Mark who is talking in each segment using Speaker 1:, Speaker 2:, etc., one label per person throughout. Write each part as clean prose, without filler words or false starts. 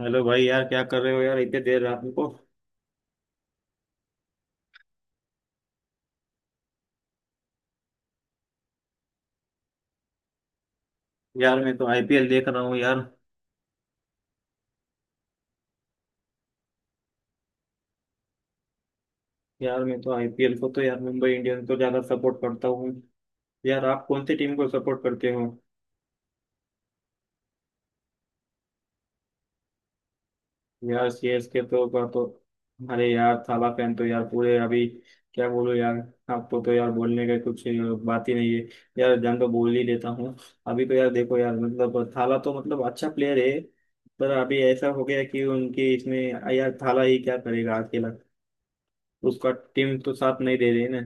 Speaker 1: Hello भाई, यार क्या कर रहे हो यार इतने देर रात को। यार मैं तो आईपीएल देख रहा हूँ यार। यार मैं तो आईपीएल को तो यार मुंबई इंडियंस को ज्यादा सपोर्ट करता हूँ। यार आप कौन सी टीम को सपोर्ट करते हो। यार सीएसके तो का तो, अरे यार थाला फैन तो यार पूरे अभी, क्या बोलूं यार। आपको तो यार बोलने का कुछ बात ही नहीं है। यार जान तो बोल ही देता हूँ। अभी तो यार देखो यार, मतलब थाला तो मतलब अच्छा प्लेयर है, पर अभी ऐसा हो गया कि उनके इसमें यार थाला ही क्या करेगा अकेला। उसका टीम तो साथ नहीं दे रही ना।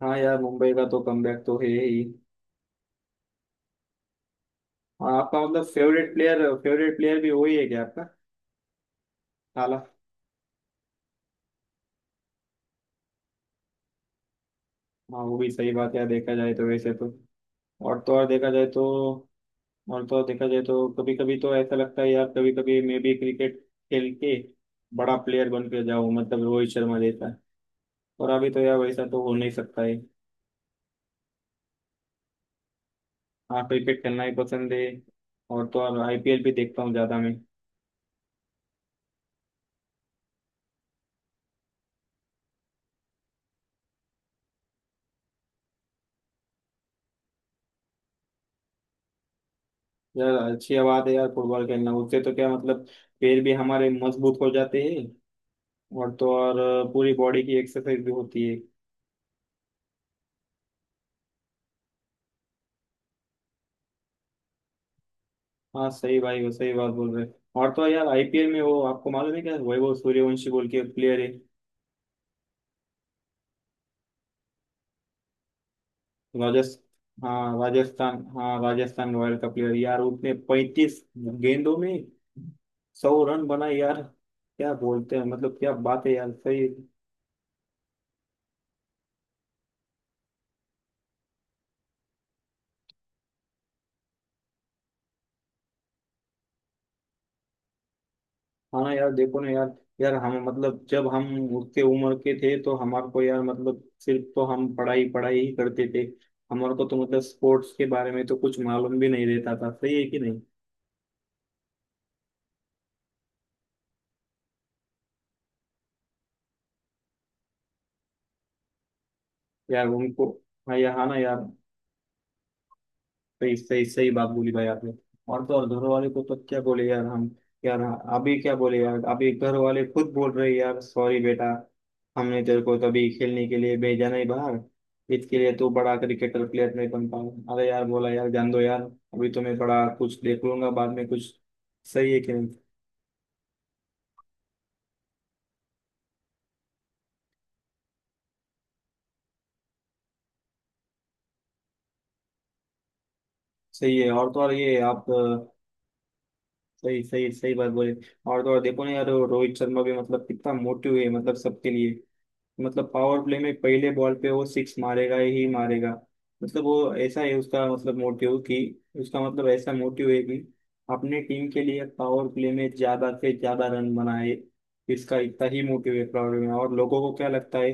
Speaker 1: हाँ यार, मुंबई का तो कमबैक तो है ही। और आपका मतलब फेवरेट प्लेयर, फेवरेट प्लेयर भी वही है क्या आपका, थाला? हाँ, वो भी सही बात है देखा जाए तो वैसे तो। और तो और देखा जाए तो, और तो और देखा जाए तो कभी कभी तो ऐसा लगता है यार, कभी कभी मैं भी क्रिकेट खेल के बड़ा प्लेयर बन के जाऊँ, मतलब रोहित शर्मा जैसा। और अभी तो यार वैसा तो हो नहीं सकता है। हाँ, क्रिकेट खेलना ही पसंद है। और तो और आईपीएल भी देखता हूँ ज्यादा मैं। यार अच्छी बात है यार, फुटबॉल खेलना उससे तो क्या मतलब, पैर भी हमारे मजबूत हो जाते हैं। और तो और पूरी बॉडी की एक्सरसाइज भी होती है। हाँ सही भाई, वो सही बात बोल रहे हैं। और तो यार आईपीएल में वो आपको मालूम है क्या, वैभव सूर्यवंशी बोल के प्लेयर है। राजस्थान, हाँ राजस्थान, हाँ राजस्थान रॉयल का प्लेयर यार। उसने 35 गेंदों में 100 रन बनाए यार, क्या बोलते हैं मतलब, क्या बात है यार, सही। हाँ यार देखो ना यार, यार हम मतलब जब हम उतने उम्र के थे तो हमारे को यार, मतलब सिर्फ तो हम पढ़ाई पढ़ाई ही करते थे। हमारे को तो मतलब स्पोर्ट्स के बारे में तो कुछ मालूम भी नहीं रहता था, सही है कि नहीं। यार उनको, हाँ यार, हाँ ना यार। सही सही सही बात बोली भाई आपने। और तो और घर वाले को तो क्या बोले यार हम, यार अभी क्या बोले यार, अभी घर वाले खुद बोल रहे यार सॉरी बेटा, हमने तेरे को तभी खेलने के लिए भेजा नहीं बाहर, इसके लिए तू बड़ा क्रिकेटर प्लेयर नहीं बन पाया। अरे यार, बोला यार जान दो यार, अभी तो मैं थोड़ा कुछ देख लूंगा बाद में कुछ, सही है कि नहीं। सही है। और तो और ये आप सही सही सही बात बोले। और तो और देखो ना यार, रोहित शर्मा भी मतलब कितना मोटिव है मतलब सबके लिए। मतलब पावर प्ले में पहले बॉल पे वो सिक्स मारेगा ही मारेगा। मतलब वो ऐसा है उसका मतलब मोटिव कि, उसका मतलब ऐसा मोटिव है कि अपने टीम के लिए पावर प्ले में ज्यादा से ज्यादा रन बनाए। इसका इतना ही मोटिव है पावर में, और लोगों को क्या लगता है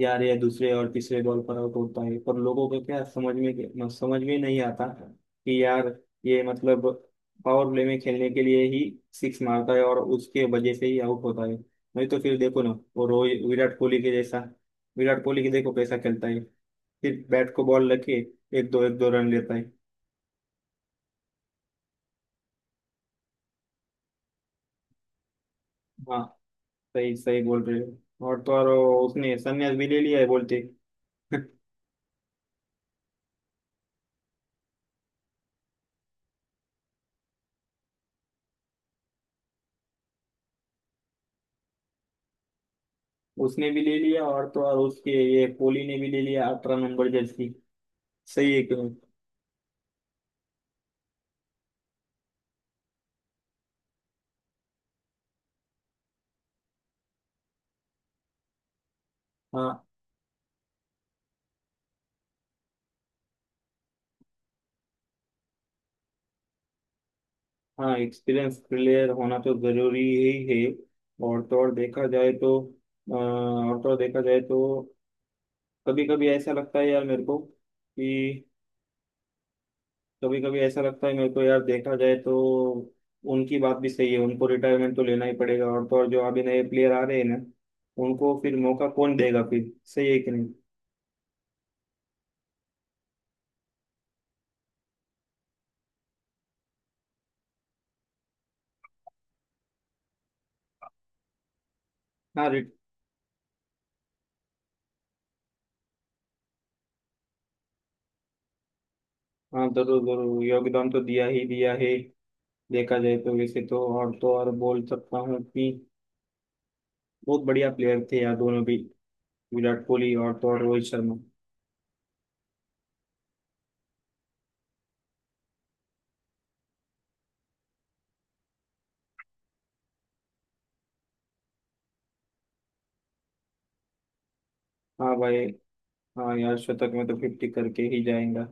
Speaker 1: यार, ये दूसरे और तीसरे बॉल पर आउट होता है। पर लोगों को क्या समझ में, मतलब समझ में नहीं आता कि यार, ये मतलब पावर प्ले में खेलने के लिए ही सिक्स मारता है, और उसके वजह से ही आउट होता है। नहीं तो फिर देखो ना, वो रोहित विराट कोहली के जैसा, विराट कोहली के देखो कैसा खेलता है, फिर बैट को बॉल लगे एक दो रन लेता है। हाँ सही सही बोल रहे हो। और तो और वो उसने संन्यास भी ले लिया है बोलते। उसने भी ले लिया, और तो और उसके ये कोहली ने भी ले लिया 18 नंबर जर्सी। सही है क्यों। हाँ हाँ, एक्सपीरियंस प्लेयर होना तो जरूरी ही है। और तो और देखा जाए तो, और तो और देखा जाए तो कभी कभी ऐसा लगता है यार मेरे को कि, कभी कभी ऐसा लगता है मेरे को यार, देखा जाए तो उनकी बात भी सही है, उनको रिटायरमेंट तो लेना ही पड़ेगा। और तो और जो अभी नए प्लेयर आ रहे हैं ना, उनको फिर मौका कौन देगा फिर, सही है कि नहीं। हाँ रिट हाँ जरूर जरूर योगदान तो दिया ही दिया है। देखा जाए तो वैसे तो और बोल सकता हूँ कि बहुत बढ़िया प्लेयर थे यार दोनों भी, विराट कोहली और तो और रोहित शर्मा। हाँ भाई, हाँ यार शतक में तो फिफ्टी करके ही जाएगा।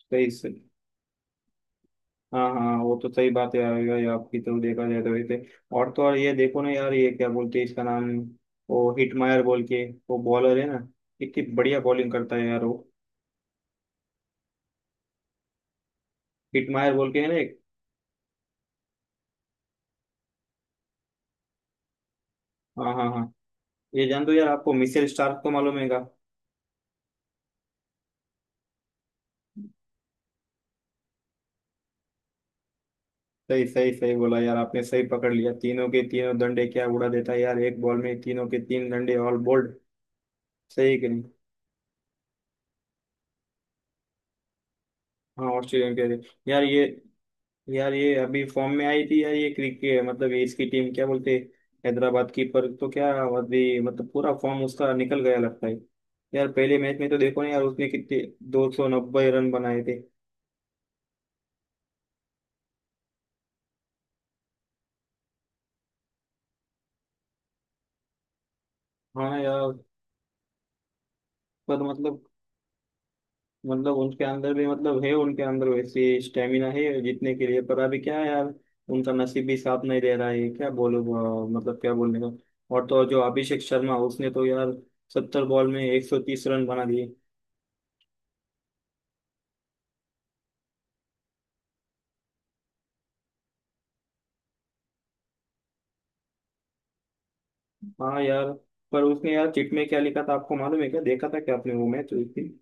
Speaker 1: सही। हाँ हाँ, वो तो सही बात है यार, ये आपकी तो देखा जाए तो वैसे। और तो और ये देखो ना यार, ये क्या बोलते हैं इसका नाम, वो हिटमायर बोल के, वो बॉलर है ना, कितनी बढ़िया बॉलिंग करता है यार वो। हिटमायर बोल के है ना एक। हाँ हाँ हाँ, ये जान दो यार, आपको मिचेल स्टार्क को मालूम है क्या। सही सही सही बोला यार आपने, सही पकड़ लिया, तीनों के तीनों डंडे क्या उड़ा देता है यार, एक बॉल में तीनों के तीन डंडे ऑल बोल्ड, सही कि नहीं। हाँ ऑस्ट्रेलियन के लिए। यार ये यार ये अभी फॉर्म में आई थी यार, ये क्रिकेट मतलब ये इसकी टीम क्या बोलते हैं, हैदराबाद की, पर तो क्या, अभी मतलब पूरा फॉर्म उसका निकल गया लगता है यार। पहले मैच में तो देखो ना यार, उसने कितने 290 रन बनाए थे। हाँ यार, पर मतलब, मतलब उनके अंदर भी मतलब है, उनके अंदर वैसे स्टेमिना है जीतने के लिए, पर अभी क्या है यार, उनका नसीब भी साथ नहीं दे रहा है, क्या बोलो, मतलब क्या बोलने का। और तो और जो अभिषेक शर्मा, उसने तो यार 70 बॉल में 130 रन बना दिए। हाँ यार, पर उसने यार चिट में क्या लिखा था आपको मालूम है क्या, देखा था क्या आपने वो मैच उस दिन।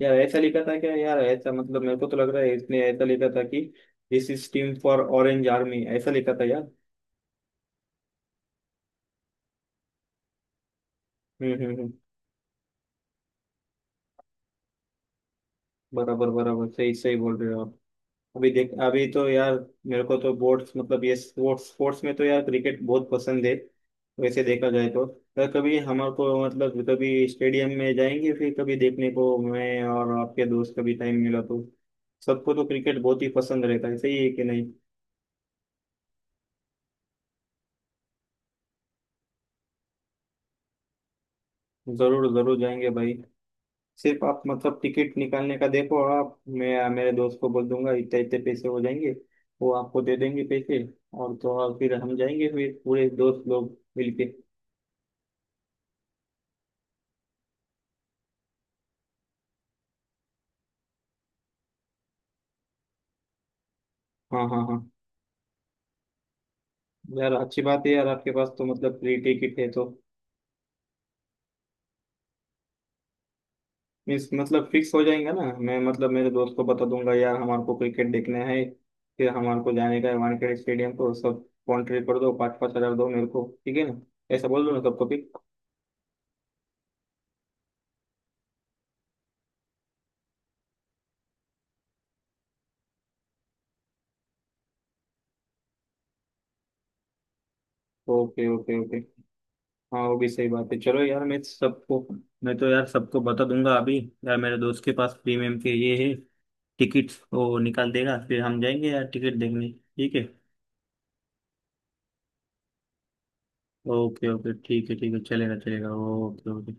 Speaker 1: यार ऐसा लिखा था क्या यार, ऐसा, मतलब मेरे को तो लग रहा है इसने ऐसा लिखा था कि this is team for orange army, ऐसा लिखा था यार। हम्म। बराबर बराबर, सही सही बोल रहे हो आप। अभी देख अभी तो यार मेरे को तो बोर्ड्स, मतलब ये स्पोर्ट्स, स्पोर्ट्स में तो यार क्रिकेट बहुत पसंद है वैसे देखा जाए तो। पर कभी हमारे को मतलब, कभी स्टेडियम में जाएंगे फिर कभी देखने को, मैं और आपके दोस्त, कभी टाइम मिला तो, सबको तो क्रिकेट बहुत ही पसंद रहता है, सही है कि नहीं। जरूर जरूर जाएंगे भाई। सिर्फ आप मतलब टिकट निकालने का देखो, आप, मैं मेरे दोस्त को बोल दूंगा इतने इतने पैसे हो जाएंगे, वो आपको दे देंगे पैसे। और तो और फिर हम जाएंगे फिर पूरे दोस्त लोग मिलके। हाँ हाँ हाँ, यार अच्छी बात है यार, आपके पास तो मतलब फ्री टिकट है तो, मीन्स मतलब फिक्स हो जाएगा ना। मैं मतलब मेरे दोस्त को बता दूंगा यार हमारे को क्रिकेट देखना है, फिर हमारे को जाने का है वानखेड़े स्टेडियम को। सब कॉन्ट्री कर दो, 5,000 5,000 दो मेरे को, ठीक है ना, ऐसा बोल दो ना सबको भी। ओके ओके ओके, हाँ वो भी सही बात है। चलो यार मैं सबको, मैं तो यार सबको बता दूंगा अभी, यार मेरे दोस्त के पास प्रीमियम के ये है, टिकट वो निकाल देगा, फिर हम जाएंगे यार टिकट देखने, ठीक है। ओके ओके, ठीक है ठीक है, चलेगा चलेगा, ओके ओके।